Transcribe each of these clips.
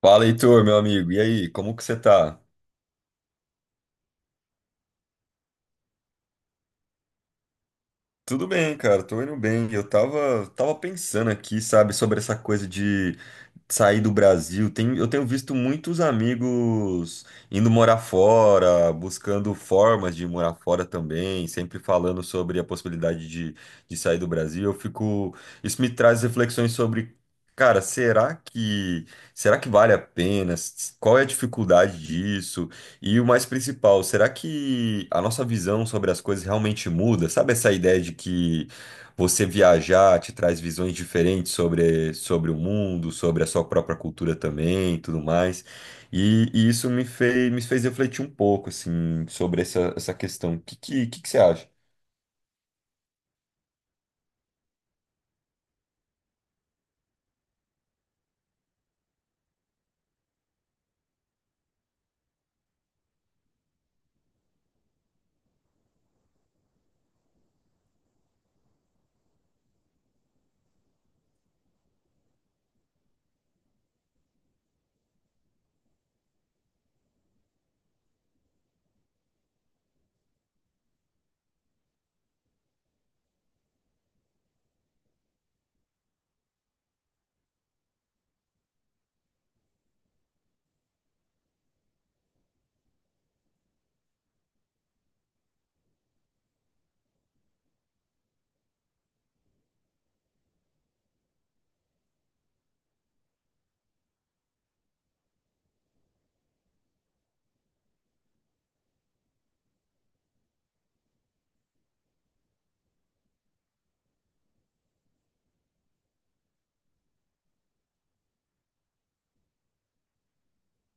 Fala, Heitor, meu amigo. E aí, como que você tá? Tudo bem, cara, tô indo bem. Eu tava pensando aqui, sabe, sobre essa coisa de sair do Brasil. Tem, eu tenho visto muitos amigos indo morar fora, buscando formas de morar fora também, sempre falando sobre a possibilidade de sair do Brasil. Eu fico, isso me traz reflexões sobre, cara, será que vale a pena? Qual é a dificuldade disso? E o mais principal, será que a nossa visão sobre as coisas realmente muda? Sabe essa ideia de que você viajar te traz visões diferentes sobre o mundo, sobre a sua própria cultura também, e tudo mais. E isso me fez refletir um pouco, assim, sobre essa questão. O que que você acha?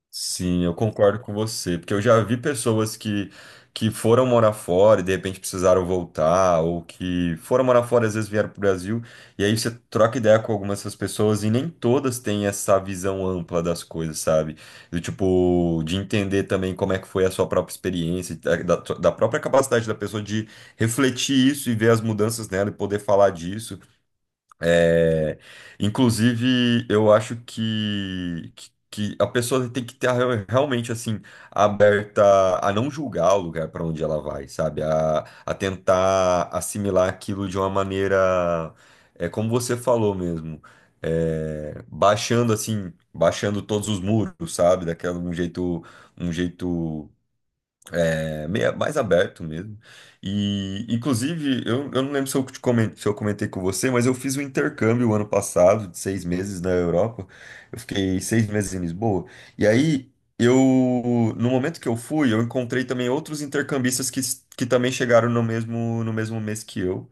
Sim, eu concordo com você, porque eu já vi pessoas que foram morar fora e de repente precisaram voltar, ou que foram morar fora e às vezes vieram para o Brasil, e aí você troca ideia com algumas dessas pessoas e nem todas têm essa visão ampla das coisas, sabe? Do tipo, de entender também como é que foi a sua própria experiência, da própria capacidade da pessoa de refletir isso e ver as mudanças nela e poder falar disso. É, inclusive, eu acho que a pessoa tem que estar realmente assim aberta a não julgar o lugar para onde ela vai, sabe? A tentar assimilar aquilo de uma maneira, é como você falou mesmo, é, baixando assim, baixando todos os muros, sabe? Daquela um jeito é, meio mais aberto mesmo. E, inclusive, eu não lembro se eu se eu comentei com você, mas eu fiz um intercâmbio ano passado, de seis meses na Europa. Eu fiquei seis meses em Lisboa. E aí, eu, no momento que eu fui, eu encontrei também outros intercambistas que também chegaram no mesmo mês que eu.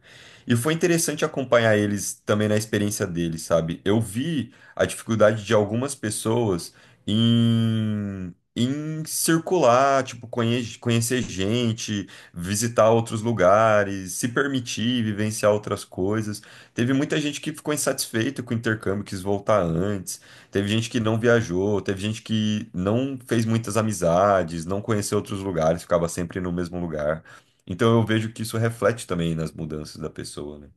E foi interessante acompanhar eles também na experiência deles, sabe? Eu vi a dificuldade de algumas pessoas. Em, em circular, tipo, conhecer gente, visitar outros lugares, se permitir vivenciar outras coisas. Teve muita gente que ficou insatisfeita com o intercâmbio, quis voltar antes. Teve gente que não viajou, teve gente que não fez muitas amizades, não conheceu outros lugares, ficava sempre no mesmo lugar. Então eu vejo que isso reflete também nas mudanças da pessoa, né?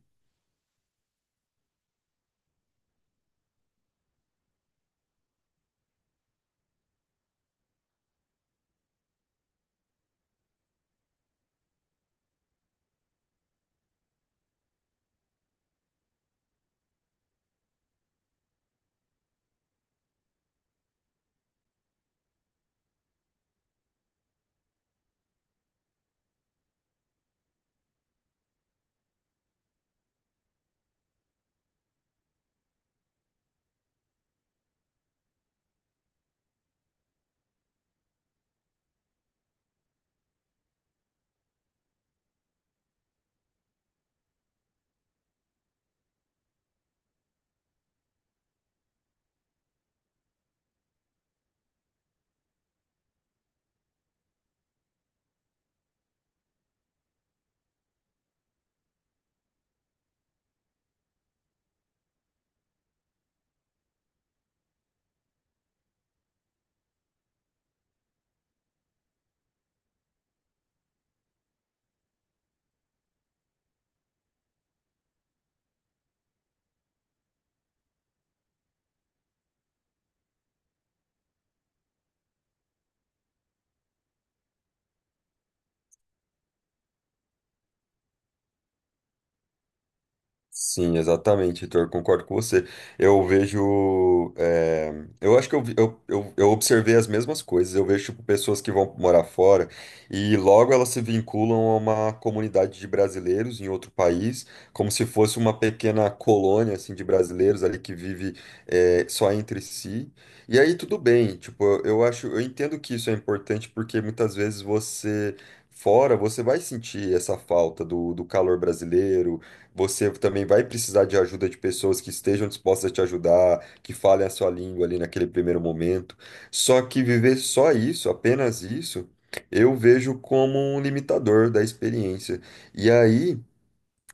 Sim, exatamente, Heitor, concordo com você. Eu vejo. Eu acho que eu observei as mesmas coisas. Eu vejo, tipo, pessoas que vão morar fora e logo elas se vinculam a uma comunidade de brasileiros em outro país, como se fosse uma pequena colônia, assim, de brasileiros ali que vive, só entre si. E aí tudo bem, tipo, eu acho. Eu entendo que isso é importante porque muitas vezes você. Fora, você vai sentir essa falta do calor brasileiro você também vai precisar de ajuda de pessoas que estejam dispostas a te ajudar, que falem a sua língua ali naquele primeiro momento. Só que viver só isso, apenas isso, eu vejo como um limitador da experiência. E aí.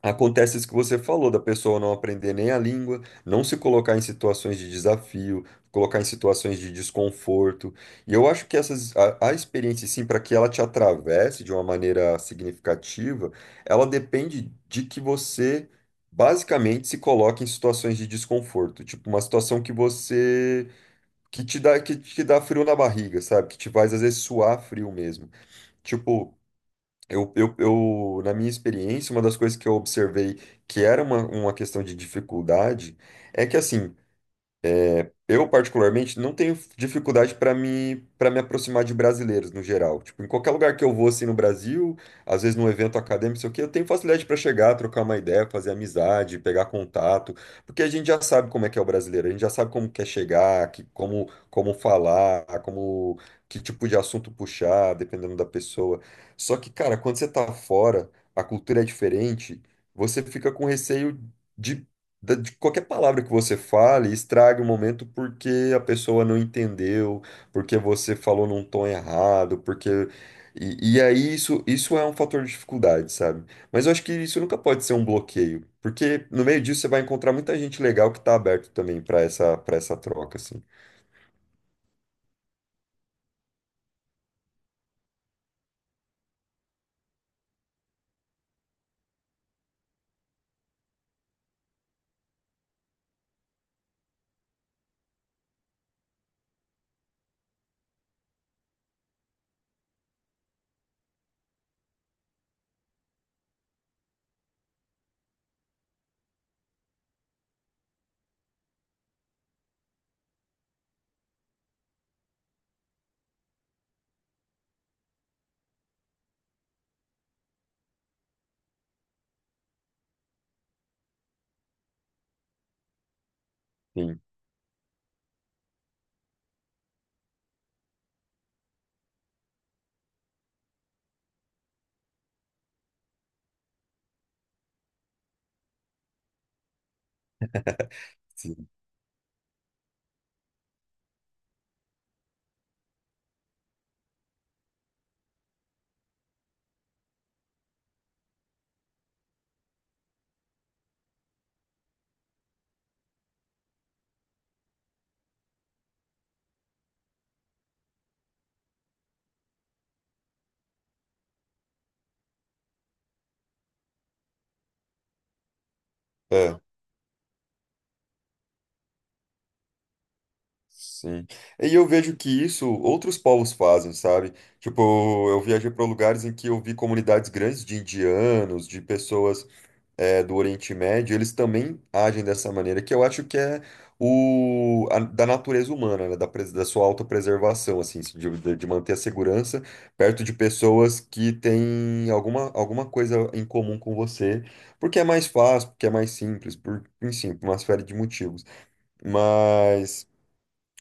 Acontece isso que você falou, da pessoa não aprender nem a língua, não se colocar em situações de desafio, colocar em situações de desconforto. E eu acho que essas, a experiência, sim, para que ela te atravesse de uma maneira significativa, ela depende de que você basicamente se coloque em situações de desconforto, tipo uma situação que você que te dá frio na barriga, sabe? Que te faz às vezes suar frio mesmo. Tipo, eu, na minha experiência, uma das coisas que eu observei que era uma questão de dificuldade é que, assim, eu, particularmente, não tenho dificuldade para me aproximar de brasileiros no geral. Tipo, em qualquer lugar que eu vou, assim, no Brasil, às vezes num evento acadêmico, sei o quê, eu tenho facilidade para chegar, trocar uma ideia, fazer amizade, pegar contato, porque a gente já sabe como é que é o brasileiro, a gente já sabe como quer chegar, como falar, que tipo de assunto puxar, dependendo da pessoa. Só que, cara, quando você tá fora, a cultura é diferente, você fica com receio. de de qualquer palavra que você fale, estraga o momento porque a pessoa não entendeu, porque você falou num tom errado, porque. E aí isso é um fator de dificuldade, sabe? Mas eu acho que isso nunca pode ser um bloqueio, porque no meio disso você vai encontrar muita gente legal que tá aberto também para essa troca, assim. Sim, sim. É, sim. E eu vejo que isso outros povos fazem, sabe? Tipo, eu viajei para lugares em que eu vi comunidades grandes de indianos, de pessoas do Oriente Médio, eles também agem dessa maneira, que eu acho que é da natureza humana, né? Da sua autopreservação, assim, de manter a segurança perto de pessoas que têm alguma coisa em comum com você, porque é mais fácil, porque é mais simples, por, enfim, por uma série de motivos. Mas.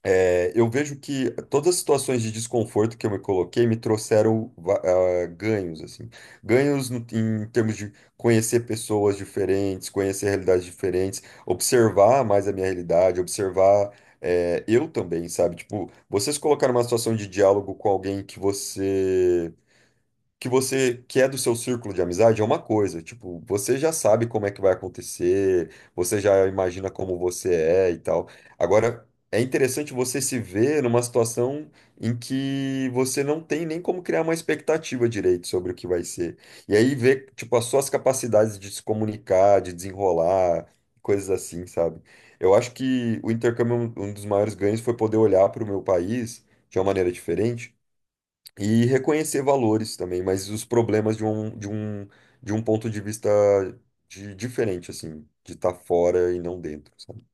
É, eu vejo que todas as situações de desconforto que eu me coloquei me trouxeram ah, ganhos, assim. Ganhos em termos de conhecer pessoas diferentes, conhecer realidades diferentes, observar mais a minha realidade, observar, é, eu também, sabe? Tipo, vocês colocaram uma situação de diálogo com alguém que você que é do seu círculo de amizade é uma coisa, tipo, você já sabe como é que vai acontecer, você já imagina como você é e tal. Agora, é interessante você se ver numa situação em que você não tem nem como criar uma expectativa direito sobre o que vai ser. E aí ver, tipo, as suas capacidades de se comunicar, de desenrolar, coisas assim, sabe? Eu acho que o intercâmbio, é um dos maiores ganhos foi poder olhar para o meu país de uma maneira diferente e reconhecer valores também, mas os problemas de um ponto de vista de, diferente, assim, de estar fora e não dentro, sabe?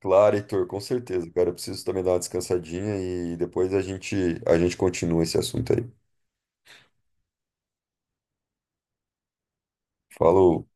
Claro, Heitor, com certeza, cara. Eu preciso também dar uma descansadinha e depois a gente continua esse assunto aí. Falou.